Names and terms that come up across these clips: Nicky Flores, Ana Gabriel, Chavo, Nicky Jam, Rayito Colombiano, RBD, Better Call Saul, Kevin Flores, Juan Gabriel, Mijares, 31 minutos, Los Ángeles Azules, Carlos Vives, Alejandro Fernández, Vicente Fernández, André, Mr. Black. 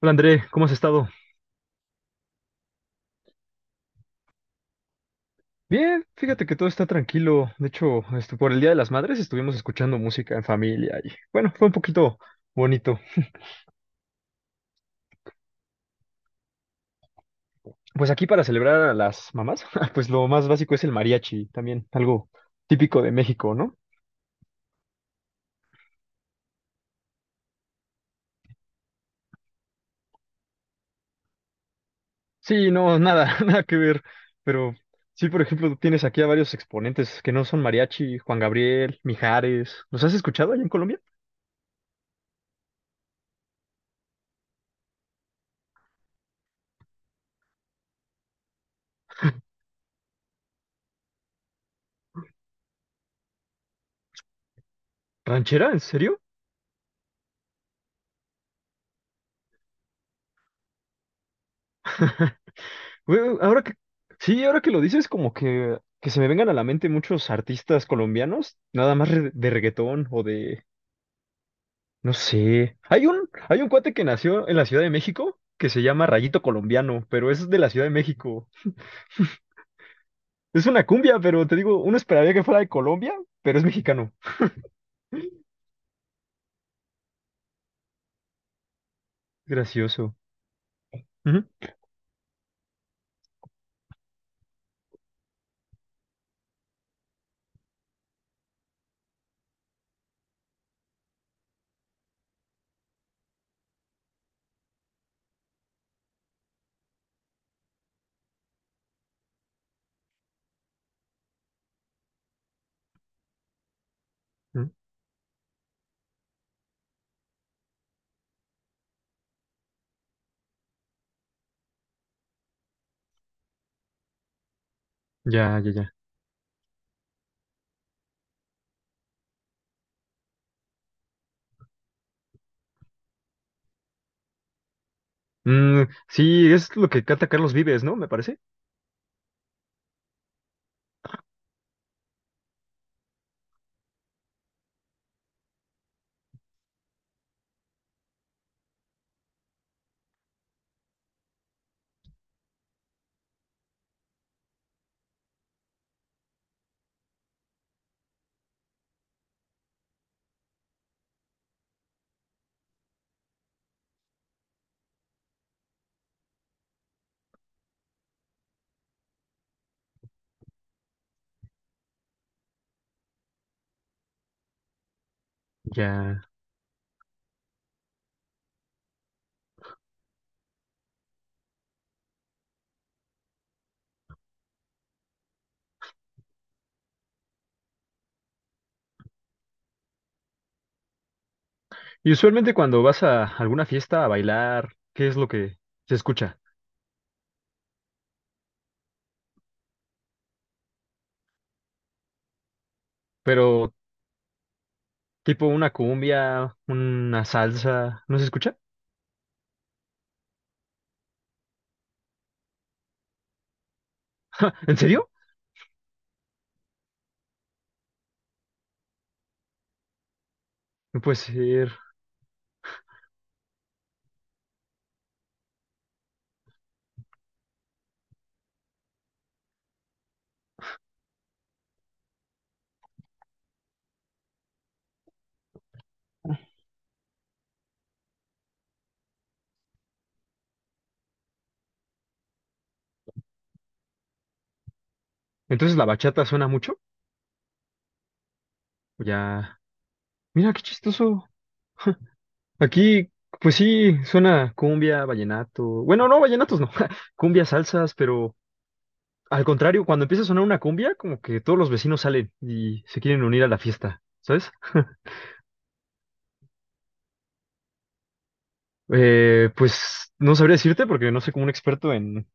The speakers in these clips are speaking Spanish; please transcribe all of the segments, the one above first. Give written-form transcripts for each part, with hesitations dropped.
Hola André, ¿cómo has estado? Bien, fíjate que todo está tranquilo. De hecho, por el Día de las Madres estuvimos escuchando música en familia y bueno, fue un poquito bonito. Pues aquí para celebrar a las mamás, pues lo más básico es el mariachi, también algo típico de México, ¿no? Sí, no, nada, nada que ver. Pero sí, por ejemplo, tienes aquí a varios exponentes que no son mariachi, Juan Gabriel, Mijares. ¿Los has escuchado allá en Colombia? ¿Ranchera? ¿En serio? Güey, ahora que lo dices, como que, se me vengan a la mente muchos artistas colombianos, nada más de reggaetón o de, no sé. Hay un cuate que nació en la Ciudad de México que se llama Rayito Colombiano, pero es de la Ciudad de México. Es una cumbia, pero te digo, uno esperaría que fuera de Colombia, pero es mexicano. Gracioso. Ujú, ujú. Ya, ya, ya. Mm, sí, es lo que canta Carlos Vives, ¿no? Me parece. Ya. Y usualmente cuando vas a alguna fiesta a bailar, ¿qué es lo que se escucha? Pero tipo una cumbia, una salsa, ¿no se escucha? ¿En serio? No puede ser. Entonces la bachata suena mucho. Ya. Mira qué chistoso. Aquí, pues sí, suena cumbia, vallenato. Bueno, no, vallenatos no. Cumbia, salsas, pero al contrario, cuando empieza a sonar una cumbia, como que todos los vecinos salen y se quieren unir a la fiesta, ¿sabes? Pues no sabría decirte porque no soy como un experto en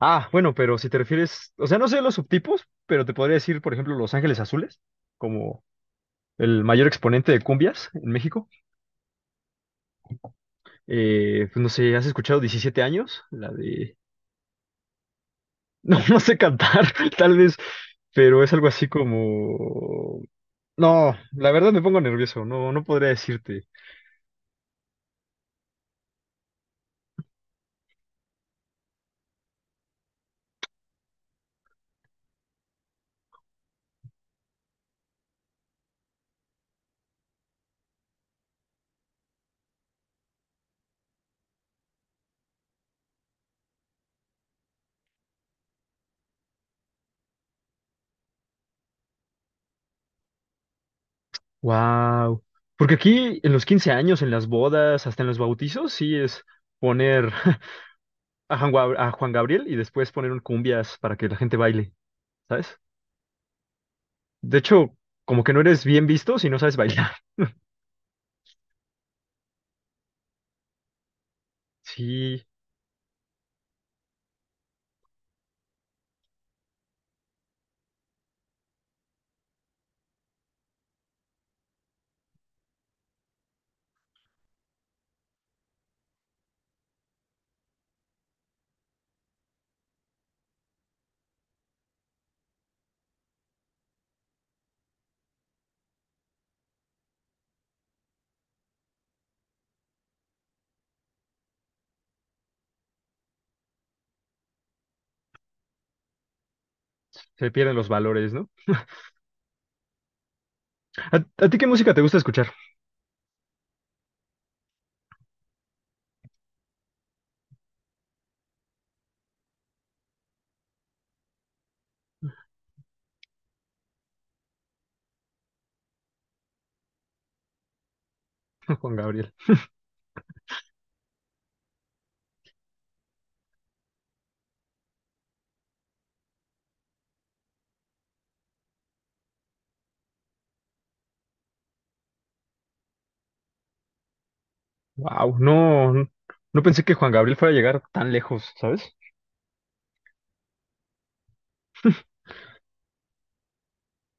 Ah, bueno, pero si te refieres, o sea, no sé los subtipos, pero te podría decir, por ejemplo, Los Ángeles Azules, como el mayor exponente de cumbias en México. Pues no sé, ¿has escuchado 17 años? La de... No, no sé cantar, tal vez, pero es algo así como... No, la verdad me pongo nervioso, no, no podría decirte. Wow. Porque aquí en los 15 años, en las bodas, hasta en los bautizos, sí es poner a a Juan Gabriel y después poner un cumbias para que la gente baile. ¿Sabes? De hecho, como que no eres bien visto si no sabes bailar. Sí, se pierden los valores, ¿no? A ti qué música te gusta escuchar, Juan Gabriel? Wow, no, no pensé que Juan Gabriel fuera a llegar tan lejos, ¿sabes?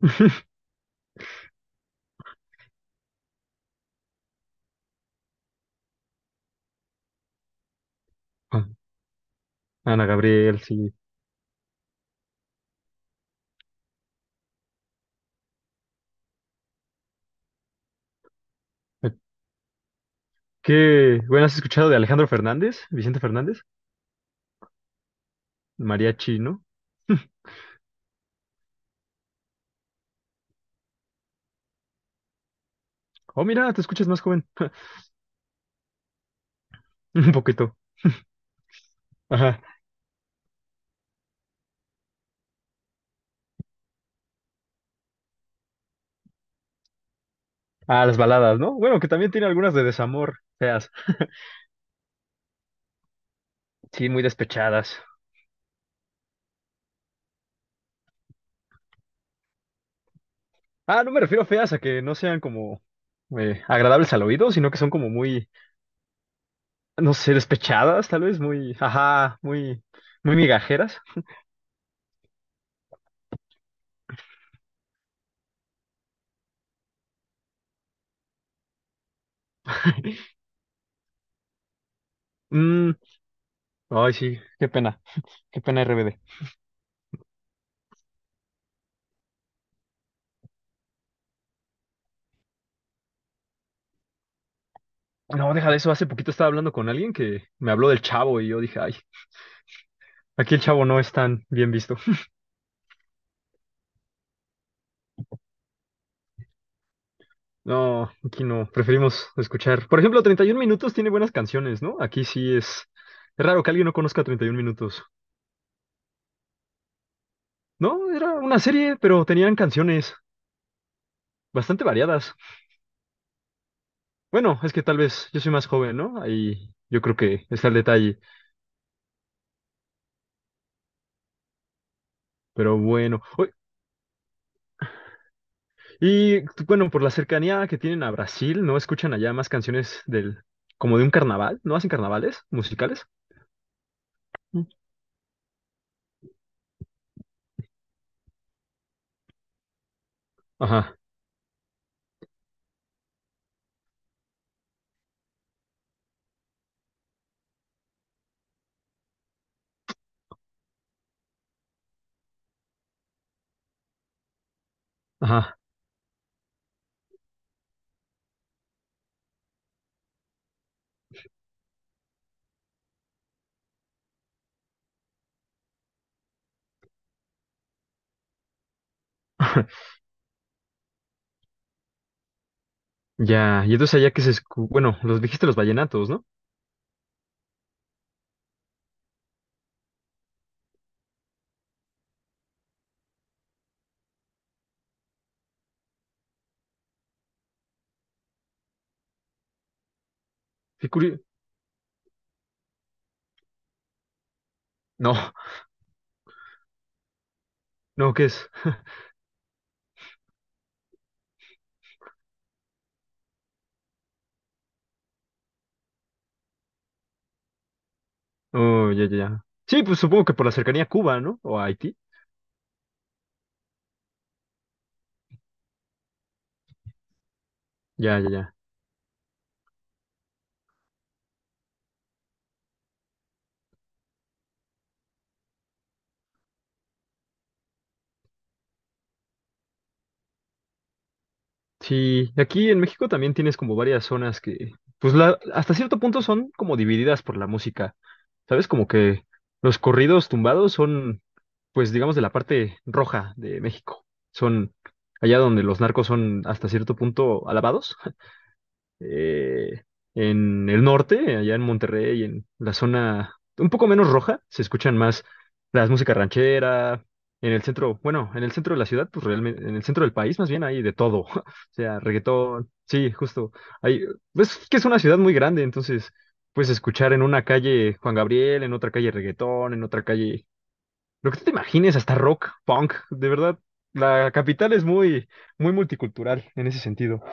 Ah, Ana Gabriel, sí. ¿Qué? Bueno, ¿has escuchado de Alejandro Fernández? Vicente Fernández, mariachi, ¿no? Oh, mira, te escuchas más joven. Un poquito. Ajá. Ah, las baladas, ¿no? Bueno, que también tiene algunas de desamor, feas. Sí, muy despechadas. Ah, no me refiero a feas a que no sean como agradables al oído, sino que son como muy, no sé, despechadas, tal vez, muy, ajá, muy, muy migajeras. Mm, ay, sí, qué pena RBD. No, deja de eso, hace poquito estaba hablando con alguien que me habló del Chavo y yo dije, ay, aquí el Chavo no es tan bien visto. No, aquí no, preferimos escuchar. Por ejemplo, 31 minutos tiene buenas canciones, ¿no? Es raro que alguien no conozca 31 minutos. No, era una serie, pero tenían canciones bastante variadas. Bueno, es que tal vez yo soy más joven, ¿no? Ahí yo creo que está el detalle, pero bueno. Oy, y tú, bueno, por la cercanía que tienen a Brasil, ¿no escuchan allá más canciones del, como de un carnaval? ¿No hacen carnavales musicales? Mm. Ajá, ajá. Ya, y entonces allá que se escu- bueno, los dijiste los vallenatos, ¿no? Qué curio- No, no, ¿qué es? Oh, ya, ya, ya. Sí, pues supongo que por la cercanía a Cuba, ¿no? O a Haití. Ya, ya, ya. Sí, aquí en México también tienes como varias zonas que, pues la, hasta cierto punto son como divididas por la música, ¿sabes? Como que los corridos tumbados son, pues digamos, de la parte roja de México. Son allá donde los narcos son hasta cierto punto alabados. eh, en el norte, allá en Monterrey, en la zona un poco menos roja, se escuchan más las músicas ranchera. En el centro, bueno, en el centro de la ciudad, pues realmente, en el centro del país más bien hay de todo. O sea, reggaetón, sí, justo. Hay, es que es una ciudad muy grande, entonces puedes escuchar en una calle Juan Gabriel, en otra calle reggaetón, en otra calle, lo que tú te imagines, hasta rock, punk. De verdad, la capital es muy, muy multicultural en ese sentido.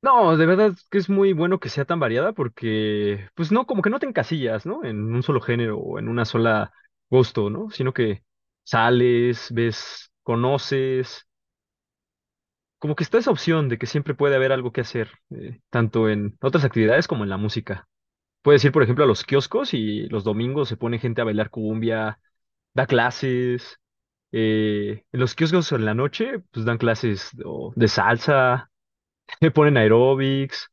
No, de verdad es que es muy bueno que sea tan variada porque, pues no, como que no te encasillas, ¿no? En un solo género o en una sola gusto, ¿no? Sino que sales, ves, conoces, como que está esa opción de que siempre puede haber algo que hacer, tanto en otras actividades como en la música. Puedes ir, por ejemplo, a los kioscos y los domingos se pone gente a bailar cumbia, da clases. En los kioscos en la noche, pues dan clases o de salsa, ponen aeróbics.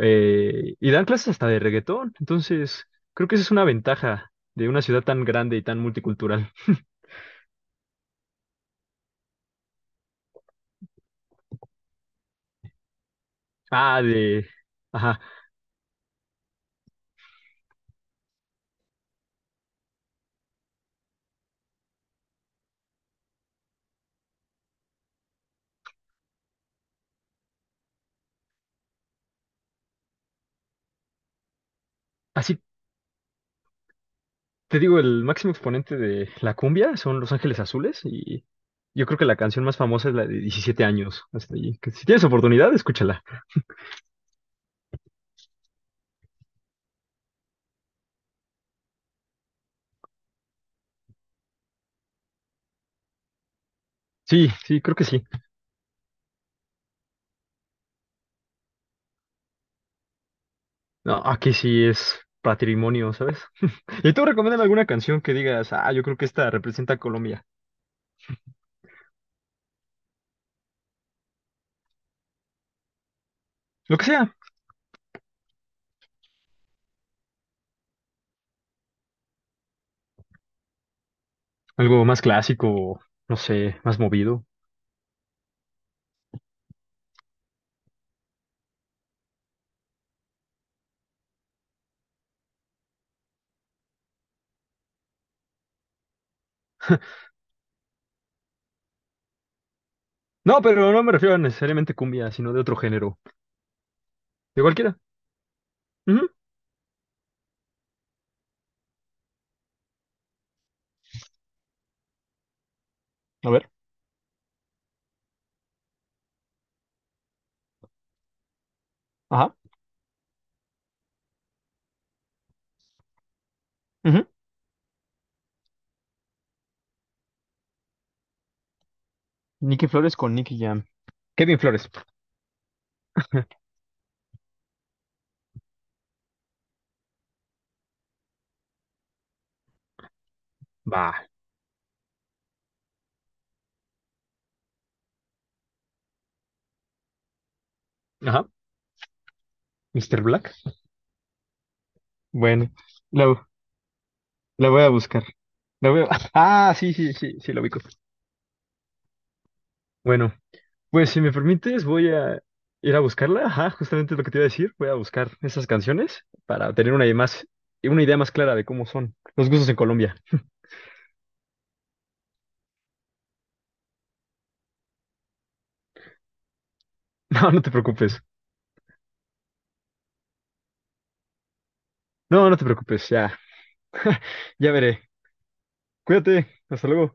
Y dan clases hasta de reggaetón. Entonces, creo que esa es una ventaja de una ciudad tan grande y tan multicultural. Ah, de... Ajá. Así te digo, el máximo exponente de la cumbia son Los Ángeles Azules y yo creo que la canción más famosa es la de 17 años. Hasta allí. Que si tienes oportunidad, escúchala. Sí, sí, creo que sí. No, aquí sí es patrimonio, ¿sabes? Y tú recomiendas alguna canción que digas, ah, yo creo que esta representa a Colombia. Lo que sea, algo más clásico, no sé, más movido. No, pero no me refiero a necesariamente cumbia, sino de otro género. De cualquiera. Ujú. A ver. Ajá. Ujú. Nicky Flores con Nicky Jam. Kevin Flores. Va. Ajá. Mr. Black. Bueno, la, la voy a buscar. La voy a- Ah, sí, sí, sí, sí, la ubico. Bueno, pues si me permites, voy a ir a buscarla. Ajá, justamente lo que te iba a decir. Voy a buscar esas canciones para tener una idea más clara de cómo son los gustos en Colombia. No, no te preocupes. No, no te preocupes. Ya, ya veré. Cuídate. Hasta luego.